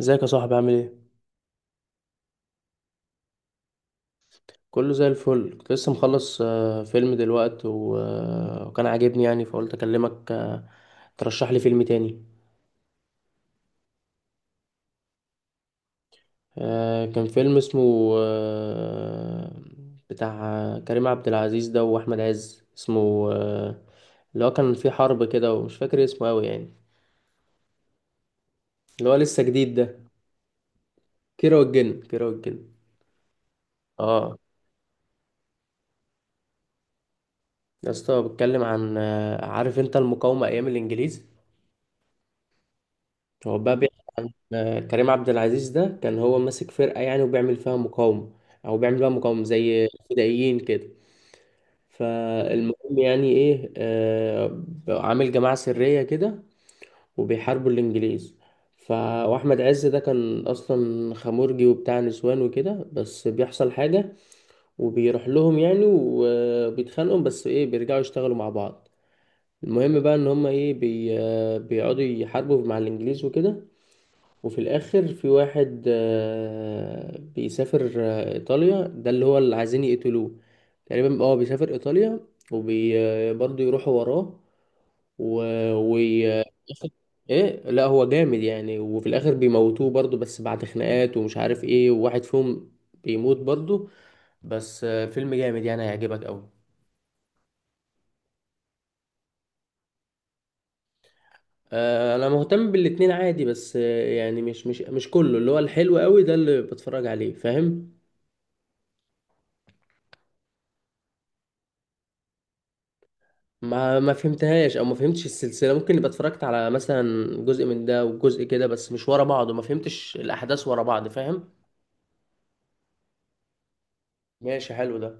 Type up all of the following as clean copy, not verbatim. ازيك يا صاحبي؟ عامل ايه؟ كله زي الفل. كنت لسه مخلص فيلم دلوقتي وكان عاجبني يعني، فقلت اكلمك ترشح لي فيلم تاني. كان فيلم اسمه بتاع كريم عبد العزيز ده واحمد عز، اسمه اللي هو كان فيه حرب كده، ومش فاكر اسمه قوي يعني، اللي هو لسه جديد ده. كيرة والجن، كيرة والجن. اه. يا اسطى، بتكلم عن عارف انت المقاومة ايام الانجليز. هو بقى بيحكي عن كريم عبد العزيز ده كان هو ماسك فرقة يعني، وبيعمل فيها مقاومة، أو بيعمل فيها مقاومة زي فدائيين كده. فالمهم يعني إيه، عامل جماعة سرية كده، وبيحاربوا الإنجليز. ف... وأحمد عز ده كان أصلا خمورجي وبتاع نسوان وكده، بس بيحصل حاجة وبيروح لهم يعني، وبيتخانقوا، بس إيه، بيرجعوا يشتغلوا مع بعض. المهم بقى إن هما إيه، بي... آه، بيقعدوا يحاربوا مع الإنجليز وكده. وفي الاخر في واحد بيسافر، ايطاليا ده اللي هو اللي عايزين يقتلوه تقريبا. اه، بيسافر ايطاليا، وبرضه يروحوا وراه. و... وي... آه، ايه، لا هو جامد يعني، وفي الاخر بيموتوه برضه، بس بعد خناقات ومش عارف ايه، وواحد فيهم بيموت برضه. بس فيلم جامد يعني، هيعجبك قوي. انا مهتم بالاتنين عادي، بس يعني مش كله، اللي هو الحلو قوي ده اللي بتفرج عليه، فاهم؟ ما فهمتهاش، او ما فهمتش السلسله، ممكن يبقى اتفرجت على مثلا جزء من ده وجزء كده، بس مش ورا بعض، وما فهمتش الاحداث ورا بعض، فاهم؟ ماشي، حلو ده.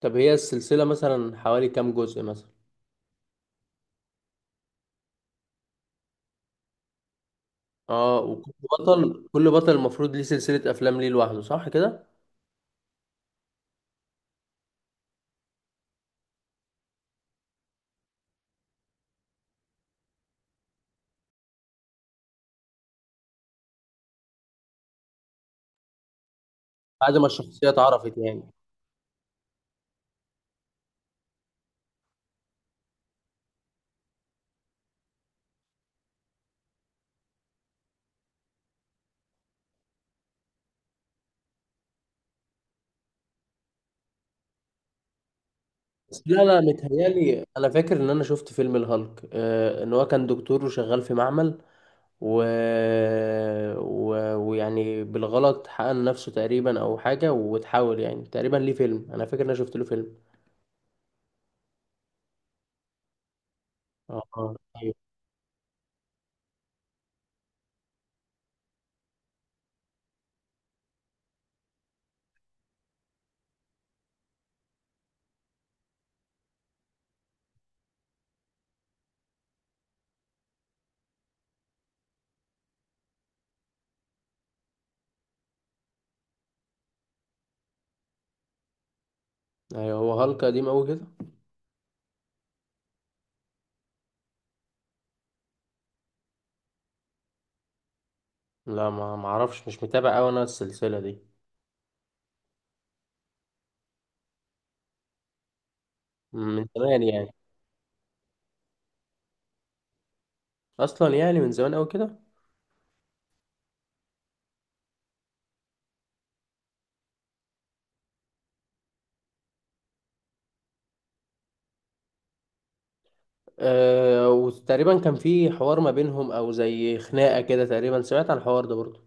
طب هي السلسله مثلا حوالي كام جزء مثلا؟ اه، وكل بطل كل بطل المفروض ليه سلسله افلام، ليه لوحده، صح كده؟ بعد ما الشخصيه اتعرفت يعني. بس لا لا، متهيالي انا فاكر ان انا شفت فيلم الهالك، آه، ان هو كان دكتور وشغال في معمل، و... ويعني بالغلط حقن نفسه تقريبا او حاجه، وتحاول يعني، تقريبا ليه فيلم، انا فاكر ان انا شفت له فيلم. اه. ايوه ايوه، هو هالك قديم قوي كده. لا، ما اعرفش، مش متابع قوي انا السلسله دي. من زمان يعني. اصلا يعني من زمان قوي كده. أه، وتقريبا كان في حوار ما بينهم او زي خناقه كده تقريبا، سمعت عن الحوار ده برضه.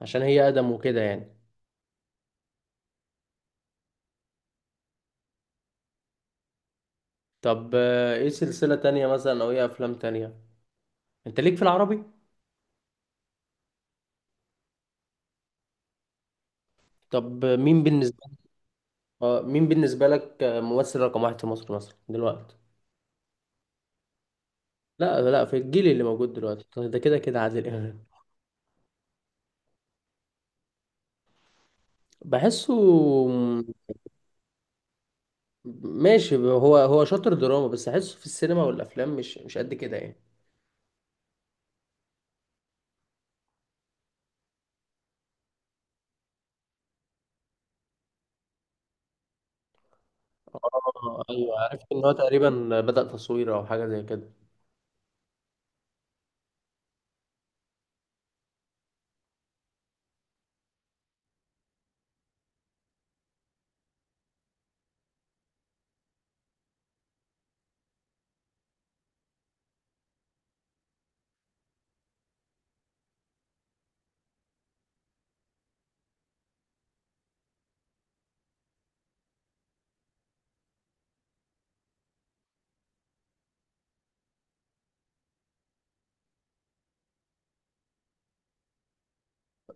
عشان هي اقدم وكده يعني. طب ايه سلسله تانية مثلا، او ايه افلام تانية انت ليك في العربي؟ طب مين بالنسبه؟ اه، مين بالنسبة لك ممثل رقم واحد في مصر مثلا دلوقتي؟ لا لا، في الجيل اللي موجود دلوقتي طيب، ده كده كده عادل إمام. بحسه م- ماشي، هو هو شاطر دراما، بس أحسه في السينما والأفلام مش قد كده يعني. اه أيوه، عرفت إن هو تقريبا بدأ تصوير أو حاجة زي كده.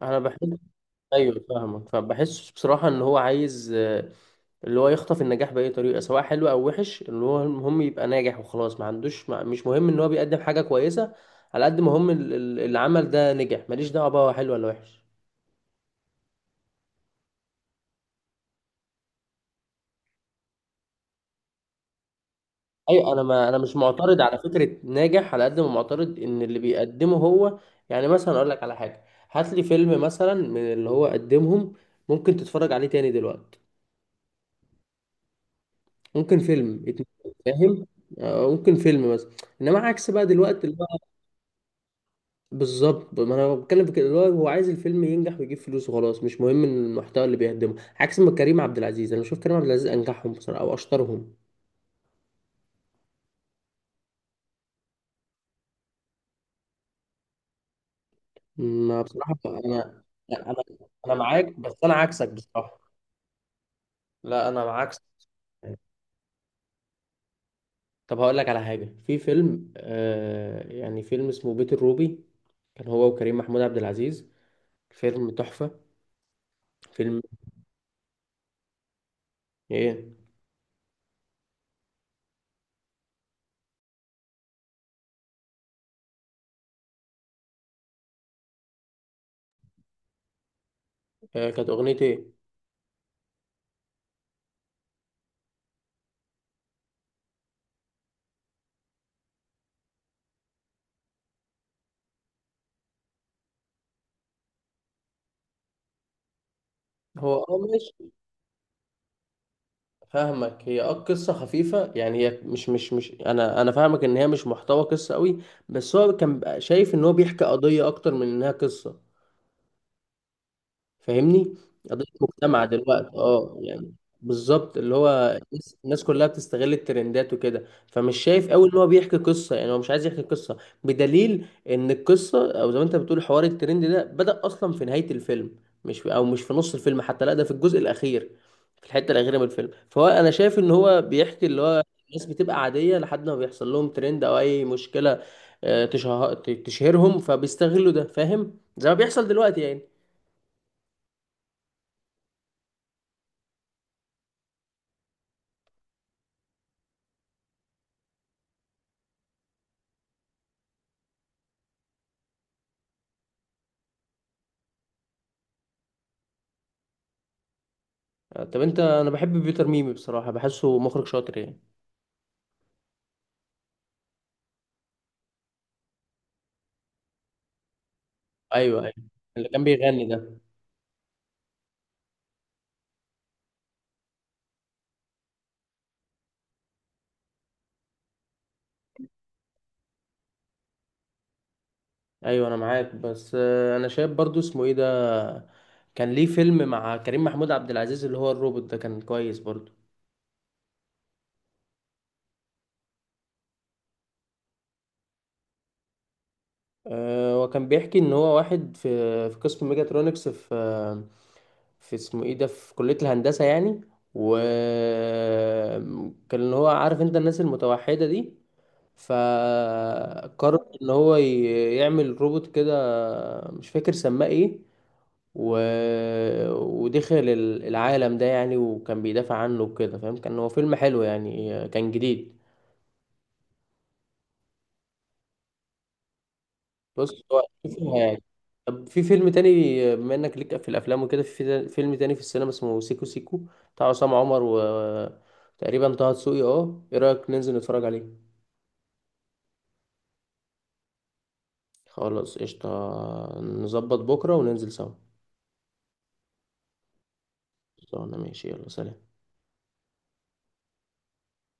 أنا بحس. أيوه فاهمك، فبحسه بصراحة إن هو عايز اللي هو يخطف النجاح بأي طريقة، سواء حلو أو وحش، اللي هو المهم يبقى ناجح وخلاص، ما عندوش، ما مش مهم إن هو بيقدم حاجة كويسة، على قد ما هم العمل ده نجح، ماليش دعوة بقى هو حلو ولا وحش. أيوة أنا، ما أنا مش معترض على فكرة ناجح، على قد ما معترض إن اللي بيقدمه هو، يعني مثلا أقول لك على حاجة، هات لي فيلم مثلا من اللي هو قدمهم ممكن تتفرج عليه تاني دلوقتي، ممكن فيلم اتنين، فاهم؟ ممكن فيلم مثلا، انما عكس بقى دلوقتي. بالظبط، ما انا بتكلم في كده، اللي هو هو عايز الفيلم ينجح ويجيب فلوس وخلاص، مش مهم المحتوى اللي بيقدمه. عكس ما كريم عبد العزيز، انا بشوف كريم عبد العزيز انجحهم بصراحه، او اشطرهم. ما بصراحه انا، لا، انا معاك، بس انا عكسك بصراحه. لا انا عكسك. طب هقول لك على حاجه، في فيلم آه يعني، فيلم اسمه بيت الروبي، كان هو وكريم محمود عبد العزيز. فيلم تحفه. فيلم. ايه؟ آه، كانت اغنيه ايه؟ هو اه ماشي، فاهمك. هي اه قصة خفيفة يعني، هي مش انا، فاهمك ان هي مش محتوى قصة قوي، بس هو كان بقى شايف ان هو بيحكي قضية اكتر من انها قصة، فاهمني؟ قضية مجتمع دلوقتي اه يعني، بالظبط، اللي هو الناس كلها بتستغل الترندات وكده، فمش شايف قوي ان هو بيحكي قصة، يعني هو مش عايز يحكي قصة، بدليل ان القصة، او زي ما انت بتقول حوار الترند ده، بدأ اصلا في نهاية الفيلم، مش في نص الفيلم حتى، لا ده في الجزء الاخير، في الحتة الاخيرة من الفيلم. فهو انا شايف ان هو بيحكي اللي هو الناس بتبقى عادية لحد ما بيحصل لهم ترند او اي مشكلة آه، تشه- تشهرهم، فبيستغلوا ده، فاهم؟ زي ما بيحصل دلوقتي يعني. طب انت، انا بحب بيتر ميمي بصراحه، بحسه مخرج شاطر يعني. ايوه ايوه، اللي كان بيغني ده. ايوه انا معاك، بس انا شايف برضو اسمه ايه ده، كان ليه فيلم مع كريم محمود عبد العزيز اللي هو الروبوت ده، كان كويس برضو. وكان بيحكي ان هو واحد في، في قسم ميجاترونكس في في اسمه ايه ده، في كلية الهندسة يعني، وكان اللي هو عارف انت الناس المتوحدة دي، فقرر ان هو يعمل روبوت كده، مش فاكر سماه ايه، و... ودخل العالم ده يعني، وكان بيدافع عنه وكده، فاهم؟ كان هو فيلم حلو يعني، كان جديد. بص هو شوفها يعني. طب في فيلم تاني، بما انك ليك في الافلام وكده، في فيلم تاني في السينما اسمه سيكو سيكو، بتاع عصام عمر وتقريبا طه دسوقي، اه ايه رايك ننزل نتفرج عليه؟ خلاص قشطة، نظبط بكرة وننزل سوا. خلصانة، ماشي يلا سلام.